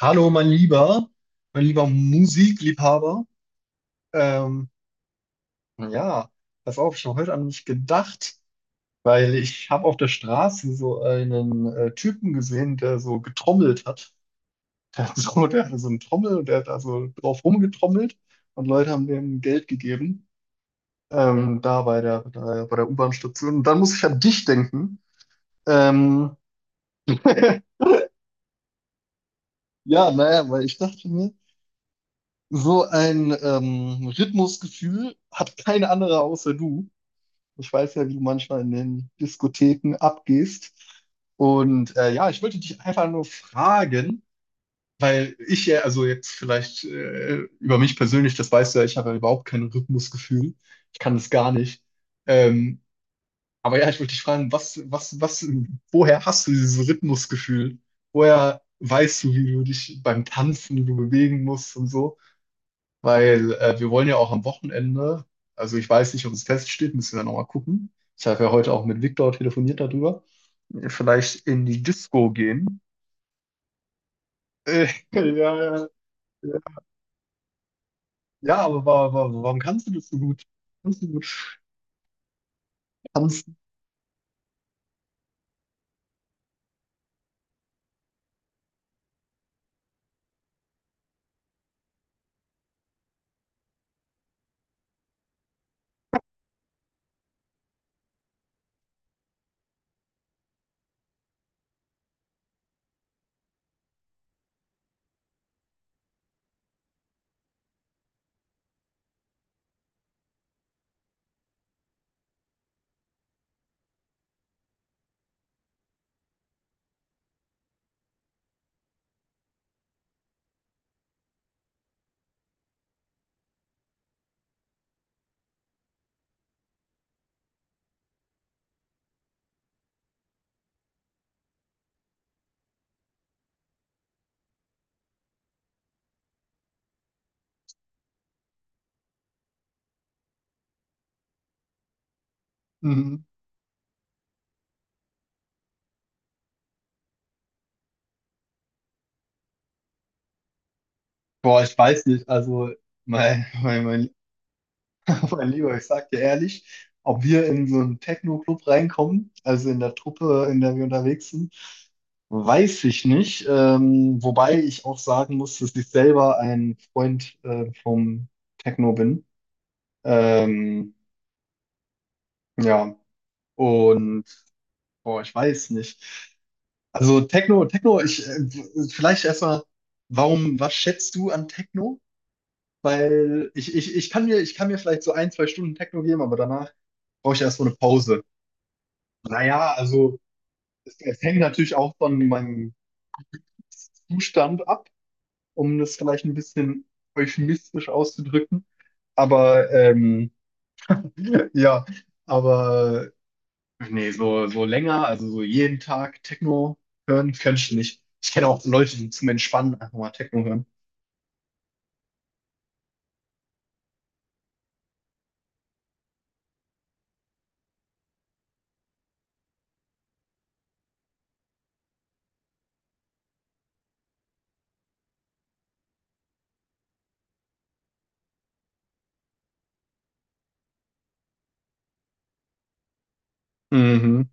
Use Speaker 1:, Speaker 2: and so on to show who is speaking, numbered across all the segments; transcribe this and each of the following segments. Speaker 1: Hallo, mein lieber Musikliebhaber. Ähm, ja, pass auf, ich habe heute an mich gedacht, weil ich habe auf der Straße so einen Typen gesehen, der so getrommelt hat. Der hat so, der hatte so eine Trommel und der hat da so drauf rumgetrommelt und Leute haben dem Geld gegeben, da bei bei der U-Bahn-Station. Und dann muss ich an dich denken. Ähm, ja, naja, weil ich dachte mir, so ein Rhythmusgefühl hat keine andere außer du. Ich weiß ja, wie du manchmal in den Diskotheken abgehst. Und ja, ich wollte dich einfach nur fragen, weil ich ja, also jetzt vielleicht über mich persönlich, das weißt du ja, ich habe ja überhaupt kein Rhythmusgefühl. Ich kann das gar nicht. Ähm, aber ja, ich wollte dich fragen, woher hast du dieses Rhythmusgefühl? Woher weißt du, wie du dich beim Tanzen, wie du bewegen musst und so? Weil wir wollen ja auch am Wochenende, also ich weiß nicht, ob es feststeht, müssen wir nochmal gucken. Ich habe ja heute auch mit Viktor telefoniert darüber. Vielleicht in die Disco gehen. Äh, ja, ja, ja, Ja, aber warum kannst du das so gut? Kannst du so gut tanzen? Mhm. Boah, ich weiß nicht. Also mein, mein, mein Mein Lieber, ich sag dir ehrlich, ob wir in so einen Techno-Club reinkommen, also in der Truppe, in der wir unterwegs sind, weiß ich nicht. Wobei ich auch sagen muss, dass ich selber ein Freund vom Techno bin. Ähm, ja, und boah, ich weiß nicht. Also ich vielleicht erstmal, warum, was schätzt du an Techno? Weil ich kann mir vielleicht so ein, zwei Stunden Techno geben, aber danach brauche ich erstmal eine Pause. Naja, also es hängt natürlich auch von meinem Zustand ab, um das vielleicht ein bisschen euphemistisch auszudrücken. Aber ja, aber nee, so, so länger, also so jeden Tag Techno hören, könnte ich nicht. Ich kenne auch Leute, die zum Entspannen einfach mal Techno hören. Mhm,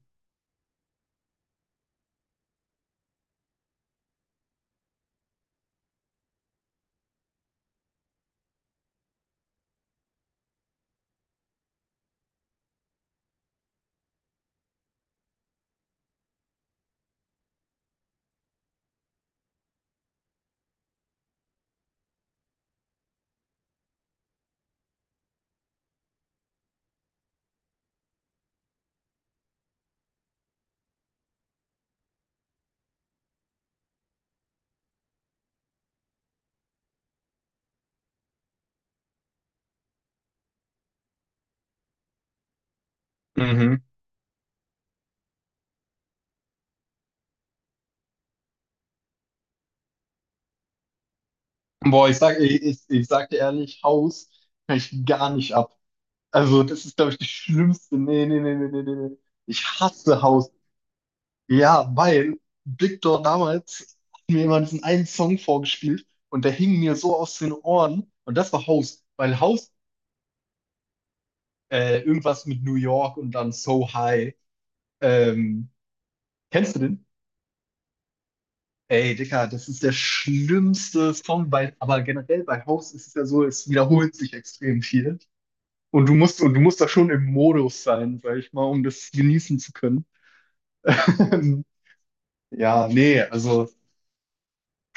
Speaker 1: mhm. Boah, ich sag dir ehrlich, Haus kann ich gar nicht ab. Also das ist, glaube ich, die schlimmste. Nee, nee, nee, nee, nee, nee, nee. Ich hasse Haus. Ja, weil Big damals hat mir immer diesen einen Song vorgespielt und der hing mir so aus den Ohren und das war House, weil House irgendwas mit New York und dann So High. Ähm, Kennst du den? Ey, Dicker, das ist der schlimmste Song, weil, aber generell bei House ist es ja so, es wiederholt sich extrem viel und du musst da schon im Modus sein, sag ich mal, um das genießen zu können. Ja, nee, also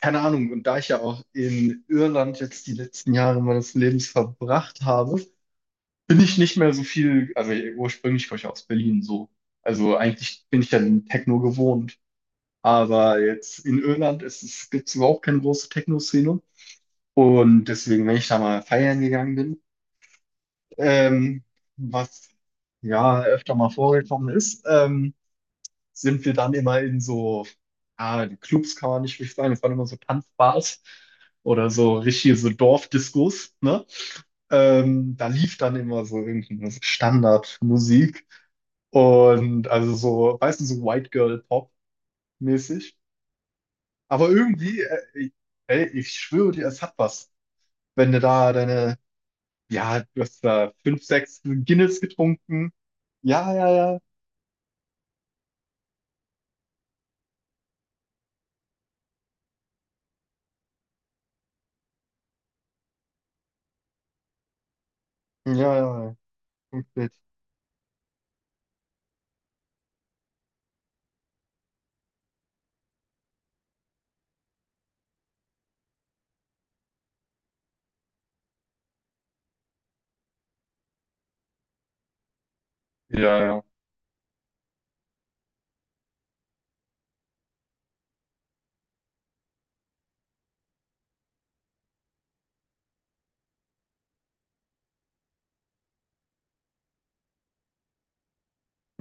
Speaker 1: keine Ahnung, und da ich ja auch in Irland jetzt die letzten Jahre meines Lebens verbracht habe, bin ich nicht mehr so viel, also ursprünglich komme ich ja aus Berlin so. Also eigentlich bin ich ja den Techno gewohnt. Aber jetzt in Irland ist es, gibt es überhaupt keine große Techno-Szene. Und deswegen, wenn ich da mal feiern gegangen bin, ähm, was ja öfter mal vorgekommen ist, sind wir dann immer in so, ah, die Clubs kann man nicht richtig sagen, das waren immer so Tanzbars oder so richtige so Dorfdiscos, ne? Da lief dann immer so irgendeine Standardmusik und also so, weißt du, so White Girl Pop mäßig. Aber irgendwie, ey, ich schwöre dir, es hat was, wenn du da deine, ja, du hast da fünf, sechs Guinness getrunken. Ja, ja, ja. Ja, ja, ja. Komplett. Ja, ja.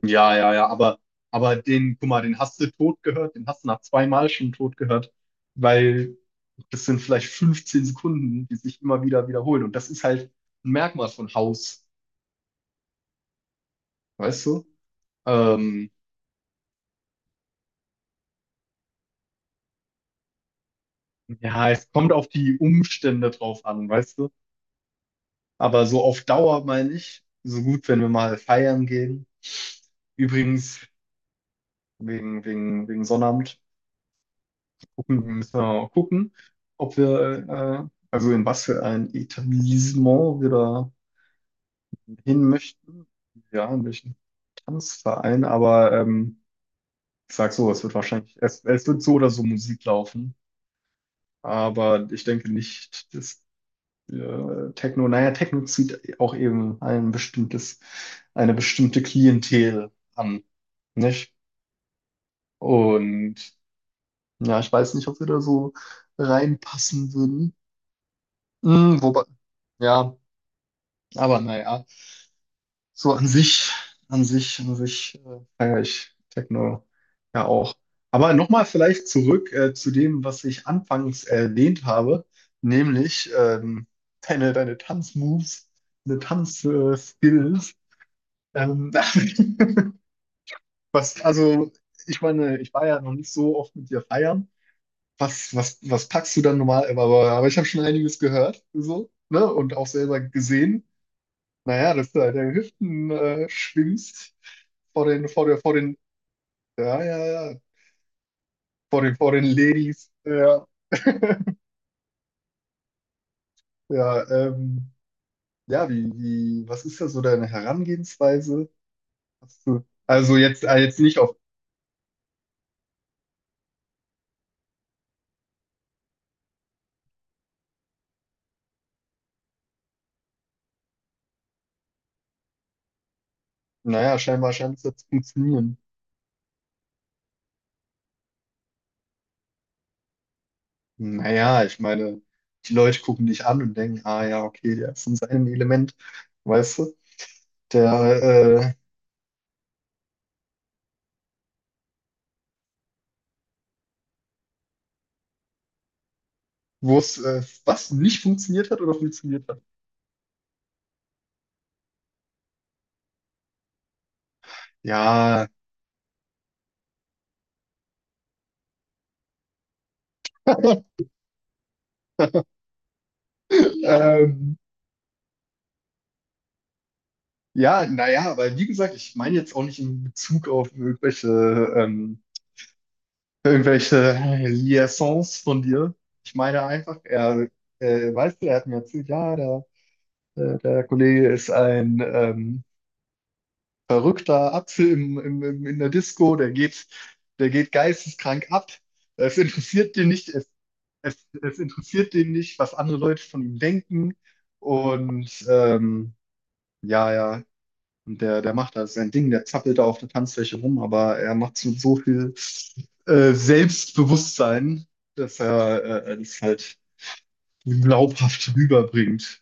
Speaker 1: Ja, ja, ja, aber den, guck mal, den hast du tot gehört, den hast du nach zweimal schon tot gehört, weil das sind vielleicht 15 Sekunden, die sich immer wieder wiederholen. Und das ist halt ein Merkmal von Haus, weißt du? Ähm, ja, es kommt auf die Umstände drauf an, weißt du? Aber so auf Dauer meine ich, so gut, wenn wir mal feiern gehen. Übrigens, wegen Sonnabend. Gucken, müssen wir mal gucken, ob wir, also in was für ein Etablissement wir da hin möchten. Ja, in welchen Tanzverein, aber ich sag so, es wird wahrscheinlich, es wird so oder so Musik laufen, aber ich denke nicht, dass Techno, naja, Techno zieht auch eben ein bestimmtes, eine bestimmte Klientel an, nicht? Und ja, ich weiß nicht, ob wir da so reinpassen würden. Mm, wobei, ja, aber naja, so an sich feiere ich Techno ja auch. Aber nochmal vielleicht zurück zu dem, was ich anfangs erwähnt habe, nämlich deine Tanzmoves, deine Tanzskills. Ähm, was, also, ich meine, ich war ja noch nicht so oft mit dir feiern. Was packst du dann normal? Aber ich habe schon einiges gehört, so, ne? Und auch selber gesehen. Naja, dass du halt deine Hüften schwingst vor den, vor der, vor den, ja, ja, ja, vor den Ladies. Ja, ja, ja, was ist da so deine Herangehensweise? Hast du, also jetzt, jetzt nicht auf, naja, scheinbar scheint es ja zu funktionieren. Naja, ich meine, die Leute gucken dich an und denken, ah ja, okay, der ist in seinem Element, weißt du? Der, wo was nicht funktioniert hat oder funktioniert hat. Ja. Ähm, ja, naja, aber wie gesagt, ich meine jetzt auch nicht in Bezug auf irgendwelche, ähm, irgendwelche Liaisons von dir. Ich meine einfach, weißt du, er hat mir erzählt, ja, der Kollege ist ein verrückter Apfel in der Disco, der geht geisteskrank ab. Es interessiert den nicht, es interessiert den nicht, was andere Leute von ihm denken. Und ja, ja, und der macht da sein Ding, der zappelt da auf der Tanzfläche rum, aber er macht es mit so viel Selbstbewusstsein, dass er das halt glaubhaft rüberbringt.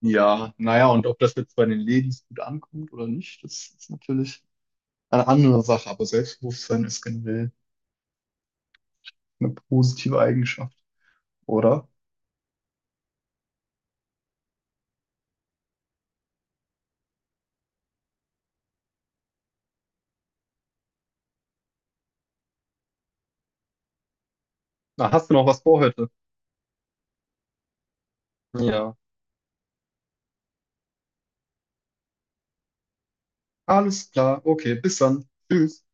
Speaker 1: Ja, naja, und ob das jetzt bei den Ladies gut ankommt oder nicht, das ist natürlich eine andere Sache, aber Selbstbewusstsein ist generell eine positive Eigenschaft, oder? Na, hast du noch was vor heute? Ja. Alles klar, okay, bis dann. Tschüss.